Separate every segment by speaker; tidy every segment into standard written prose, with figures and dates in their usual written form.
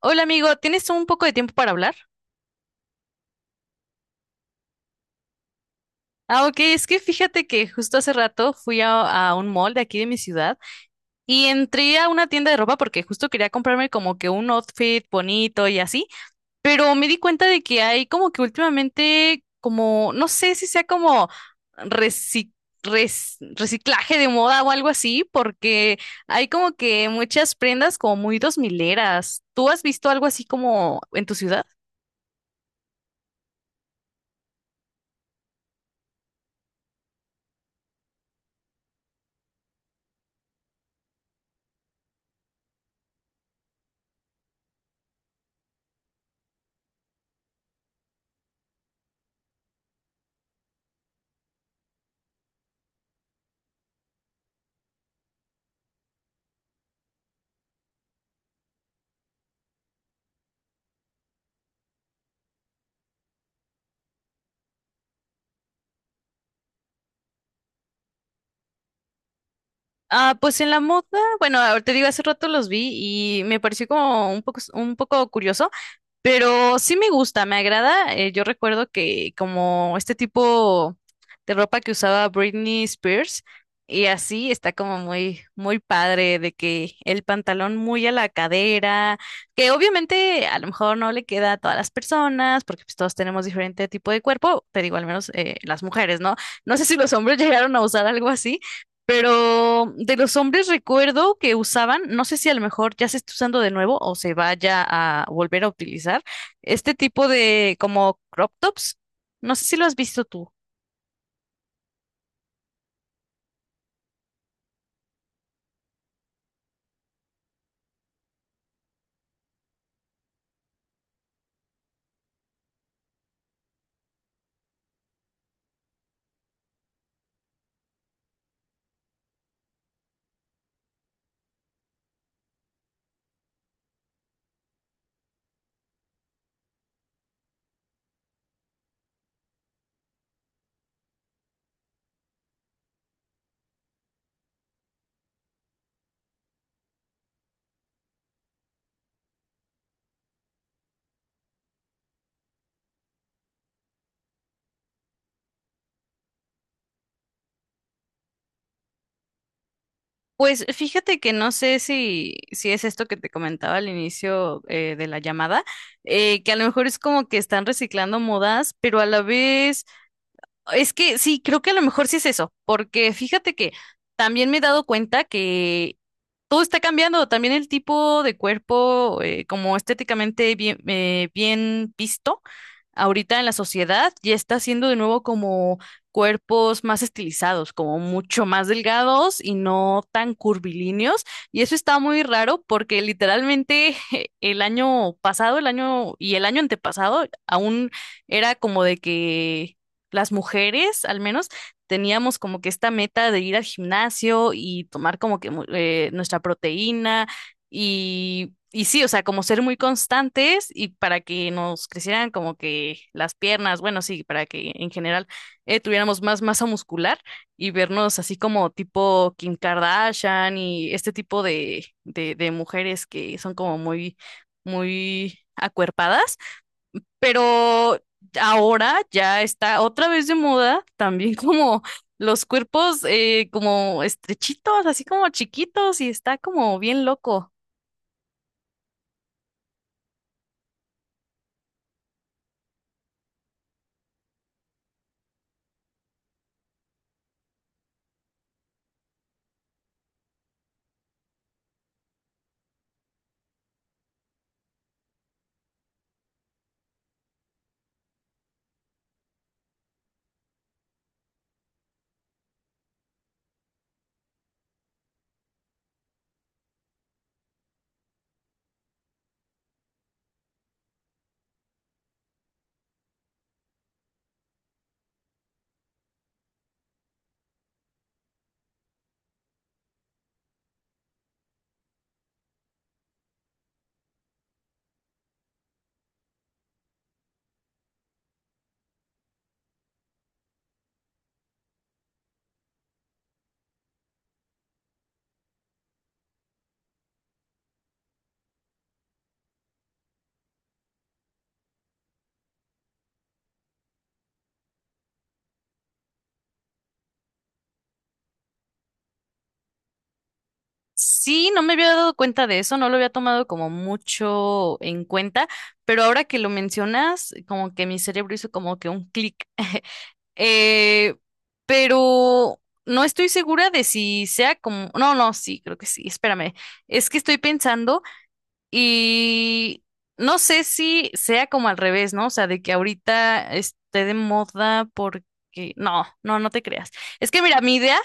Speaker 1: Hola amigo, ¿tienes un poco de tiempo para hablar? Ah, ok, es que fíjate que justo hace rato fui a un mall de aquí de mi ciudad y entré a una tienda de ropa porque justo quería comprarme como que un outfit bonito y así, pero me di cuenta de que hay como que últimamente como, no sé si sea como reci- reciclaje de moda o algo así, porque hay como que muchas prendas como muy dos mileras. ¿Tú has visto algo así como en tu ciudad? Ah, pues en la moda, bueno, te digo, hace rato los vi y me pareció como un poco curioso, pero sí me gusta, me agrada. Yo recuerdo que como este tipo de ropa que usaba Britney Spears y así está como muy, muy padre de que el pantalón muy a la cadera, que obviamente a lo mejor no le queda a todas las personas porque pues todos tenemos diferente tipo de cuerpo, te digo, al menos las mujeres, ¿no? No sé si los hombres llegaron a usar algo así. Pero de los hombres recuerdo que usaban, no sé si a lo mejor ya se está usando de nuevo o se vaya a volver a utilizar, este tipo de como crop tops. No sé si lo has visto tú. Pues fíjate que no sé si, si es esto que te comentaba al inicio de la llamada, que a lo mejor es como que están reciclando modas, pero a la vez, es que sí, creo que a lo mejor sí es eso, porque fíjate que también me he dado cuenta que todo está cambiando, también el tipo de cuerpo, como estéticamente bien, bien visto ahorita en la sociedad, ya está siendo de nuevo como cuerpos más estilizados, como mucho más delgados y no tan curvilíneos. Y eso está muy raro porque literalmente el año pasado, el año y el año antepasado, aún era como de que las mujeres, al menos, teníamos como que esta meta de ir al gimnasio y tomar como que nuestra proteína y sí, o sea, como ser muy constantes y para que nos crecieran como que las piernas, bueno, sí, para que en general tuviéramos más masa muscular y vernos así como tipo Kim Kardashian y este tipo de mujeres que son como muy, muy acuerpadas. Pero ahora ya está otra vez de moda, también como los cuerpos como estrechitos, así como chiquitos, y está como bien loco. Sí, no me había dado cuenta de eso, no lo había tomado como mucho en cuenta, pero ahora que lo mencionas, como que mi cerebro hizo como que un clic. Eh, pero no estoy segura de si sea como... No, no, sí, creo que sí, espérame. Es que estoy pensando y no sé si sea como al revés, ¿no? O sea, de que ahorita esté de moda porque... No, no, no te creas. Es que mira, mi idea,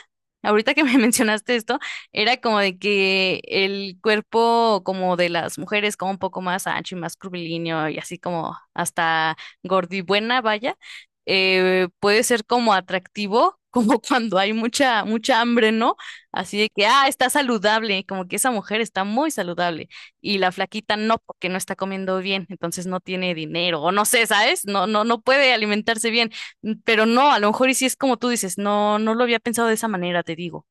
Speaker 1: ahorita que me mencionaste esto, era como de que el cuerpo como de las mujeres como un poco más ancho y más curvilíneo y así como hasta gordibuena, vaya, puede ser como atractivo. Como cuando hay mucha, mucha hambre, ¿no? Así de que, ah, está saludable, como que esa mujer está muy saludable y la flaquita no, porque no está comiendo bien, entonces no tiene dinero, o no sé, ¿sabes? No, no, no puede alimentarse bien, pero no, a lo mejor y si es como tú dices, no, no lo había pensado de esa manera, te digo.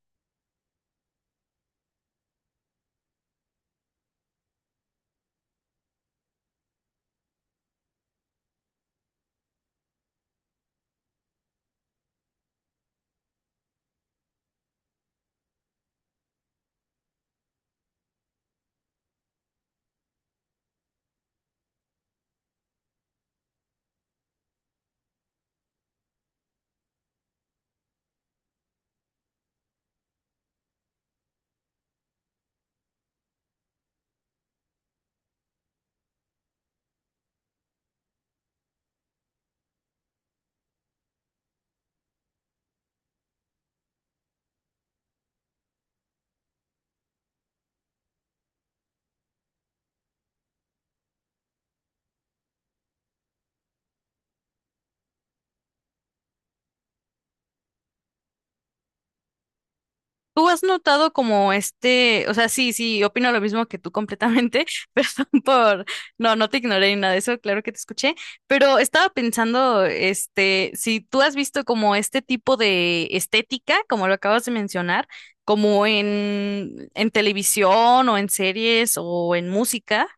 Speaker 1: ¿Tú has notado como este, o sea, sí, sí, opino lo mismo que tú completamente, perdón por, no, no te ignoré ni nada de eso, claro que te escuché, pero estaba pensando, este, si tú has visto como este tipo de estética, como lo acabas de mencionar, como en televisión o en series o en música.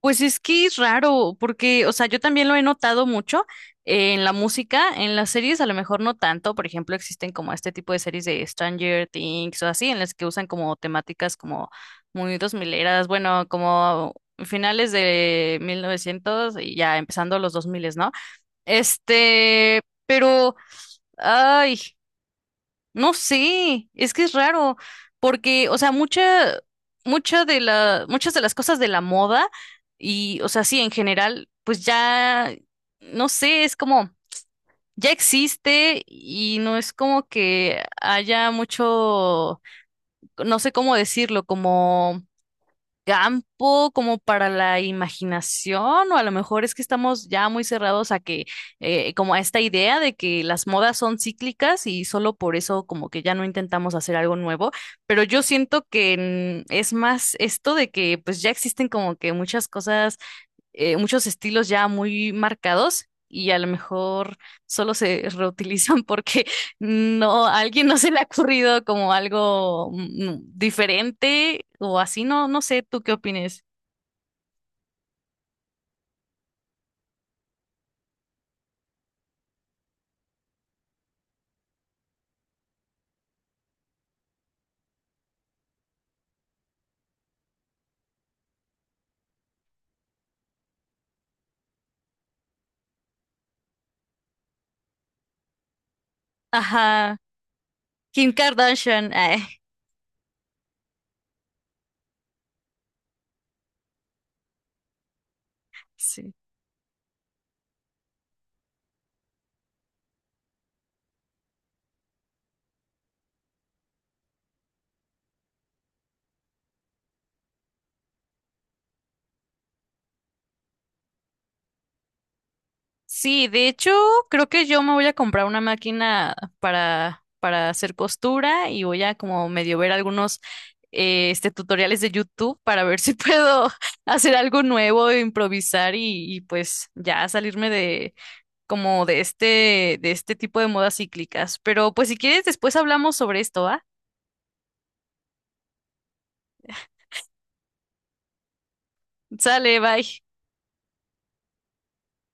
Speaker 1: Pues es que es raro, porque, o sea, yo también lo he notado mucho en la música, en las series a lo mejor no tanto, por ejemplo, existen como este tipo de series de Stranger Things o así, en las que usan como temáticas como muy dos mileras, bueno, como finales de 1900 y ya empezando los 2000, ¿no? Este, pero, ay, no sé, es que es raro, porque, o sea, mucha, mucha de la, muchas de las cosas de la moda y, o sea, sí, en general, pues ya, no sé, es como, ya existe y no es como que haya mucho, no sé cómo decirlo, como campo como para la imaginación, o a lo mejor es que estamos ya muy cerrados a que, como a esta idea de que las modas son cíclicas y solo por eso como que ya no intentamos hacer algo nuevo, pero yo siento que es más esto de que pues ya existen como que muchas cosas muchos estilos ya muy marcados y a lo mejor solo se reutilizan porque no, a alguien no se le ha ocurrido como algo diferente o así, no, no sé, ¿tú qué opines? Ajá, Kim Kardashian, ay, sí. Sí, de hecho, creo que yo me voy a comprar una máquina para hacer costura y voy a como medio ver algunos tutoriales de YouTube para ver si puedo hacer algo nuevo, improvisar y pues ya salirme de como de este tipo de modas cíclicas. Pero pues si quieres, después hablamos sobre esto, ¿va? Sale, bye.